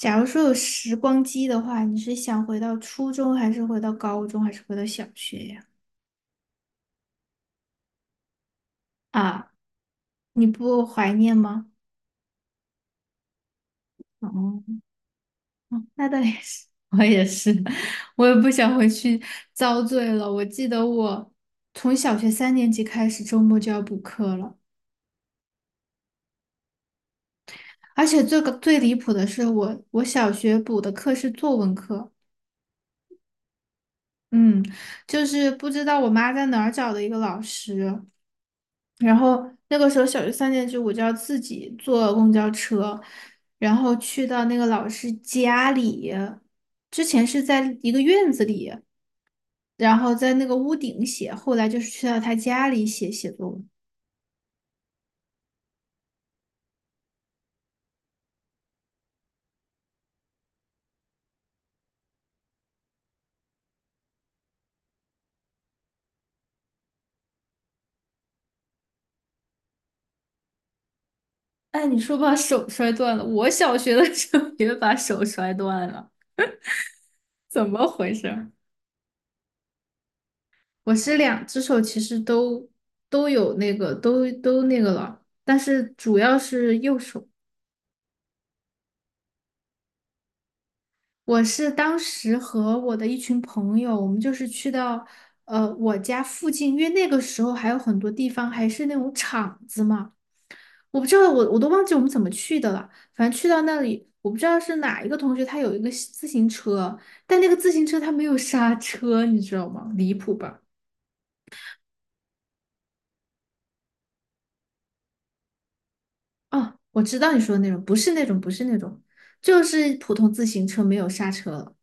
假如说有时光机的话，你是想回到初中，还是回到高中，还是回到小学呀？啊，你不怀念吗？哦，嗯那倒也是，我也是，我也不想回去遭罪了。我记得我从小学三年级开始，周末就要补课了，而且最离谱的是我小学补的课是作文课，嗯，就是不知道我妈在哪儿找的一个老师。然后那个时候小学三年级，我就要自己坐公交车，然后去到那个老师家里。之前是在一个院子里，然后在那个屋顶写，后来就是去到他家里写作文。哎，你说把手摔断了，我小学的时候也把手摔断了，怎么回事儿？我是两只手其实都有那个都那个了，但是主要是右手。我是当时和我的一群朋友，我们就是去到我家附近，因为那个时候还有很多地方还是那种厂子嘛，我不知道我都忘记我们怎么去的了，反正去到那里，我不知道是哪一个同学他有一个自行车，但那个自行车他没有刹车，你知道吗？离谱吧？哦，我知道你说的那种，不是那种，不是那种，就是普通自行车没有刹车了。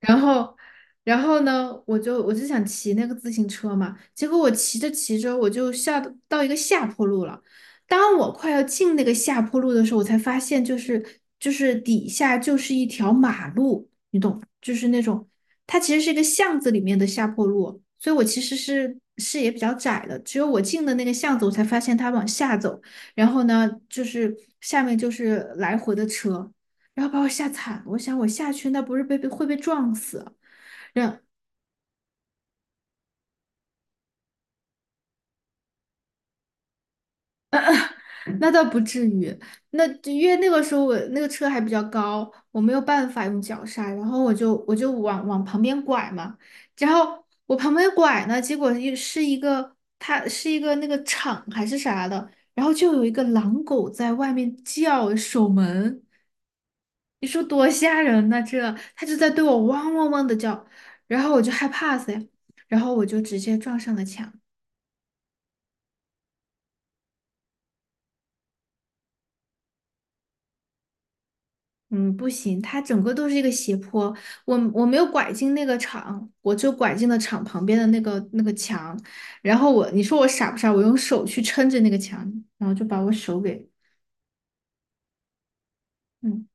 然后，然后呢，我就想骑那个自行车嘛，结果我骑着，我就下到一个下坡路了。当我快要进那个下坡路的时候，我才发现，就是底下就是一条马路，你懂，就是那种它其实是一个巷子里面的下坡路，所以我其实是视野比较窄的，只有我进的那个巷子，我才发现它往下走，然后呢，就是下面就是来回的车。然后把我吓惨了。我想我下去那不是会被撞死，然那倒不至于，那就因为那个时候我那个车还比较高，我没有办法用脚刹，然后我就往旁边拐嘛，然后我旁边拐呢，结果又是一个它是一个那个厂还是啥的，然后就有一个狼狗在外面叫守门，你说多吓人呐，这它就在对我汪汪汪的叫，然后我就害怕死呀，然后我就直接撞上了墙。嗯，不行，它整个都是一个斜坡，我没有拐进那个场，我就拐进了场旁边的那个墙，然后我，你说我傻不傻？我用手去撑着那个墙，然后就把我手给，嗯，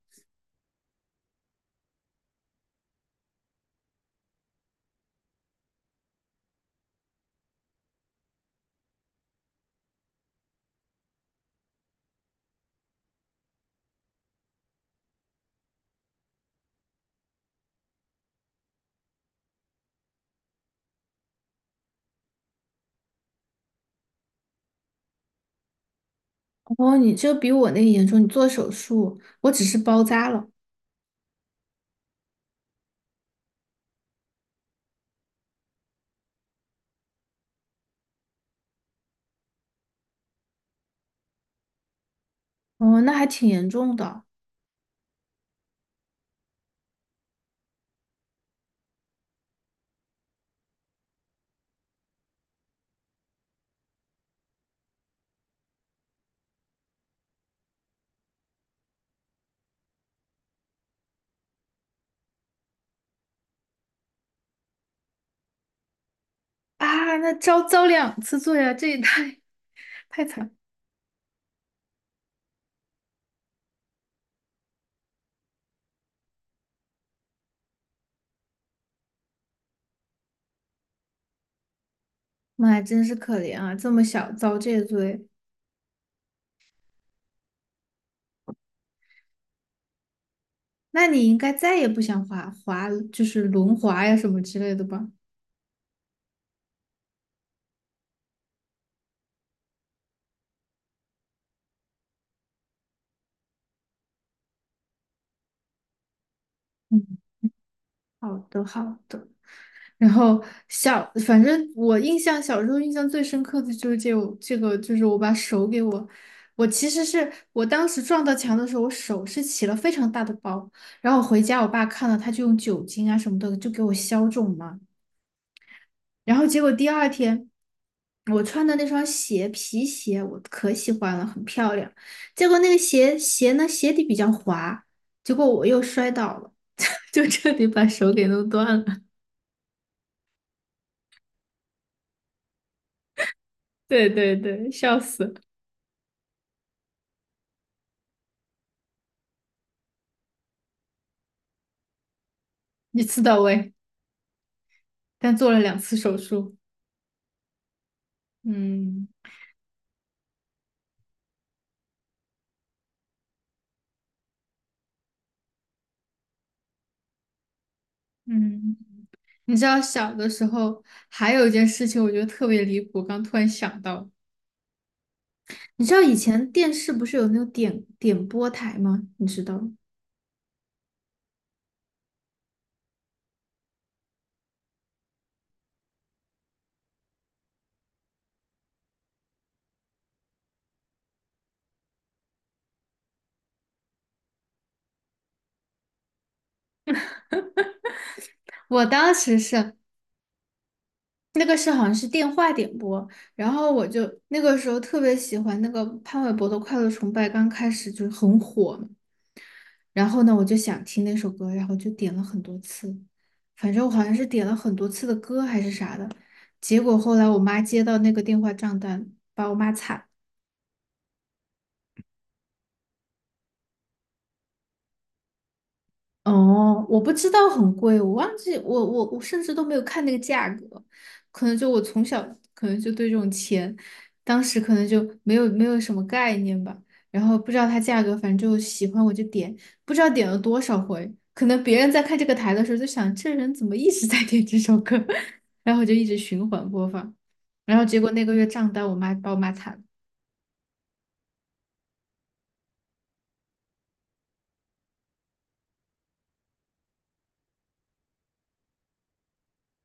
哦，你这比我那个严重，你做手术，我只是包扎了，哦，那还挺严重的啊，那遭两次罪啊，这也太惨，妈呀，真是可怜啊，这么小遭这罪，那你应该再也不想就是轮滑呀什么之类的吧？嗯。好的，好的。然后小，反正我印象小时候印象最深刻的就是这个，就是我把手给我，我其实是我当时撞到墙的时候，我手是起了非常大的包。然后我回家，我爸看了，他就用酒精啊什么的就给我消肿嘛。然后结果第二天，我穿的那双鞋皮鞋我可喜欢了，很漂亮。结果那个鞋呢鞋底比较滑，结果我又摔倒了，就彻底把手给弄断了。对对对，笑死，一次到位，但做了2次手术。嗯嗯，你知道小的时候还有一件事情，我觉得特别离谱，刚突然想到，你知道以前电视不是有那种播台吗？你知道吗我当时是那个是好像是电话点播，然后我就那个时候特别喜欢那个潘玮柏的《快乐崇拜》，刚开始就是很火嘛，然后呢，我就想听那首歌，然后就点了很多次，反正我好像是点了很多次的歌还是啥的。结果后来我妈接到那个电话账单，把我骂惨哦，我不知道很贵，我忘记我甚至都没有看那个价格，可能就我从小可能就对这种钱，当时可能就没有什么概念吧，然后不知道它价格，反正就喜欢我就点，不知道点了多少回，可能别人在看这个台的时候就想这人怎么一直在点这首歌，然后我就一直循环播放，然后结果那个月账单我妈把我骂惨了。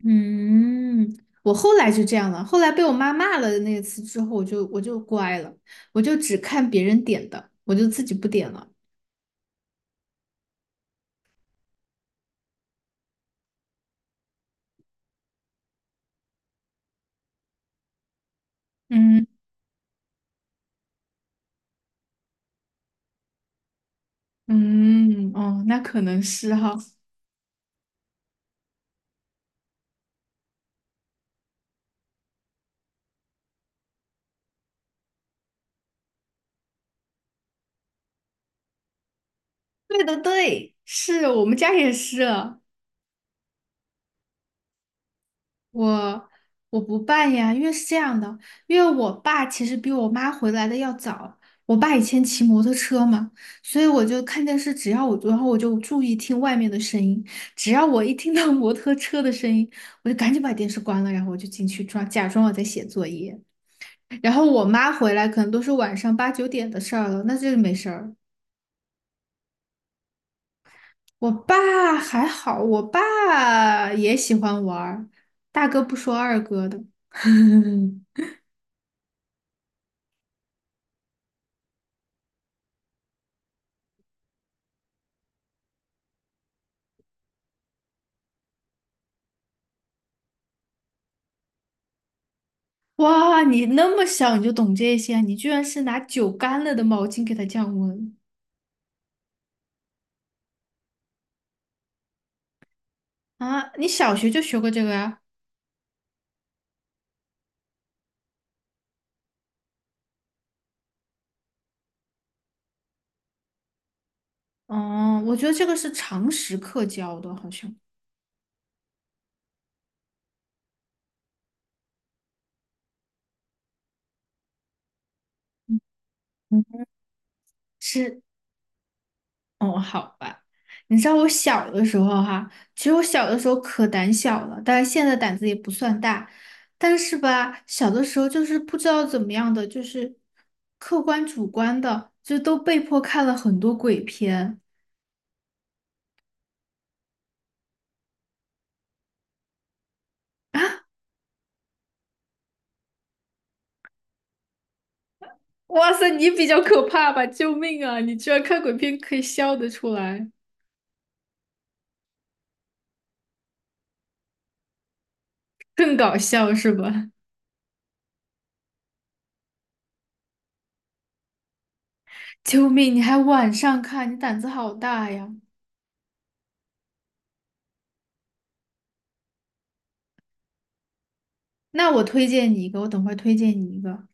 嗯，我后来就这样了。后来被我妈骂了那次之后，我就乖了，我就只看别人点的，我就自己不点了。嗯嗯，哦，那可能是哈。对的，对，是我们家也是。我我不办呀，因为是这样的，因为我爸其实比我妈回来的要早。我爸以前骑摩托车嘛，所以我就看电视，只要我，然后我就注意听外面的声音，只要我一听到摩托车的声音，我就赶紧把电视关了，然后我就进去装，假装我在写作业。然后我妈回来可能都是晚上8、9点的事儿了，那这就没事儿。我爸还好，我爸也喜欢玩儿，大哥不说二哥的。哇，你那么小你就懂这些啊，你居然是拿酒干了的毛巾给它降温啊！你小学就学过这个呀？哦，我觉得这个是常识课教的，好像。嗯，是哦，好吧。你知道我小的时候哈，其实我小的时候可胆小了，但是现在胆子也不算大。但是吧，小的时候就是不知道怎么样的，就是客观主观的，就都被迫看了很多鬼片。哇塞，你比较可怕吧？救命啊！你居然看鬼片可以笑得出来，更搞笑是吧？救命！你还晚上看，你胆子好大呀！那我推荐你一个，我等会儿推荐你一个，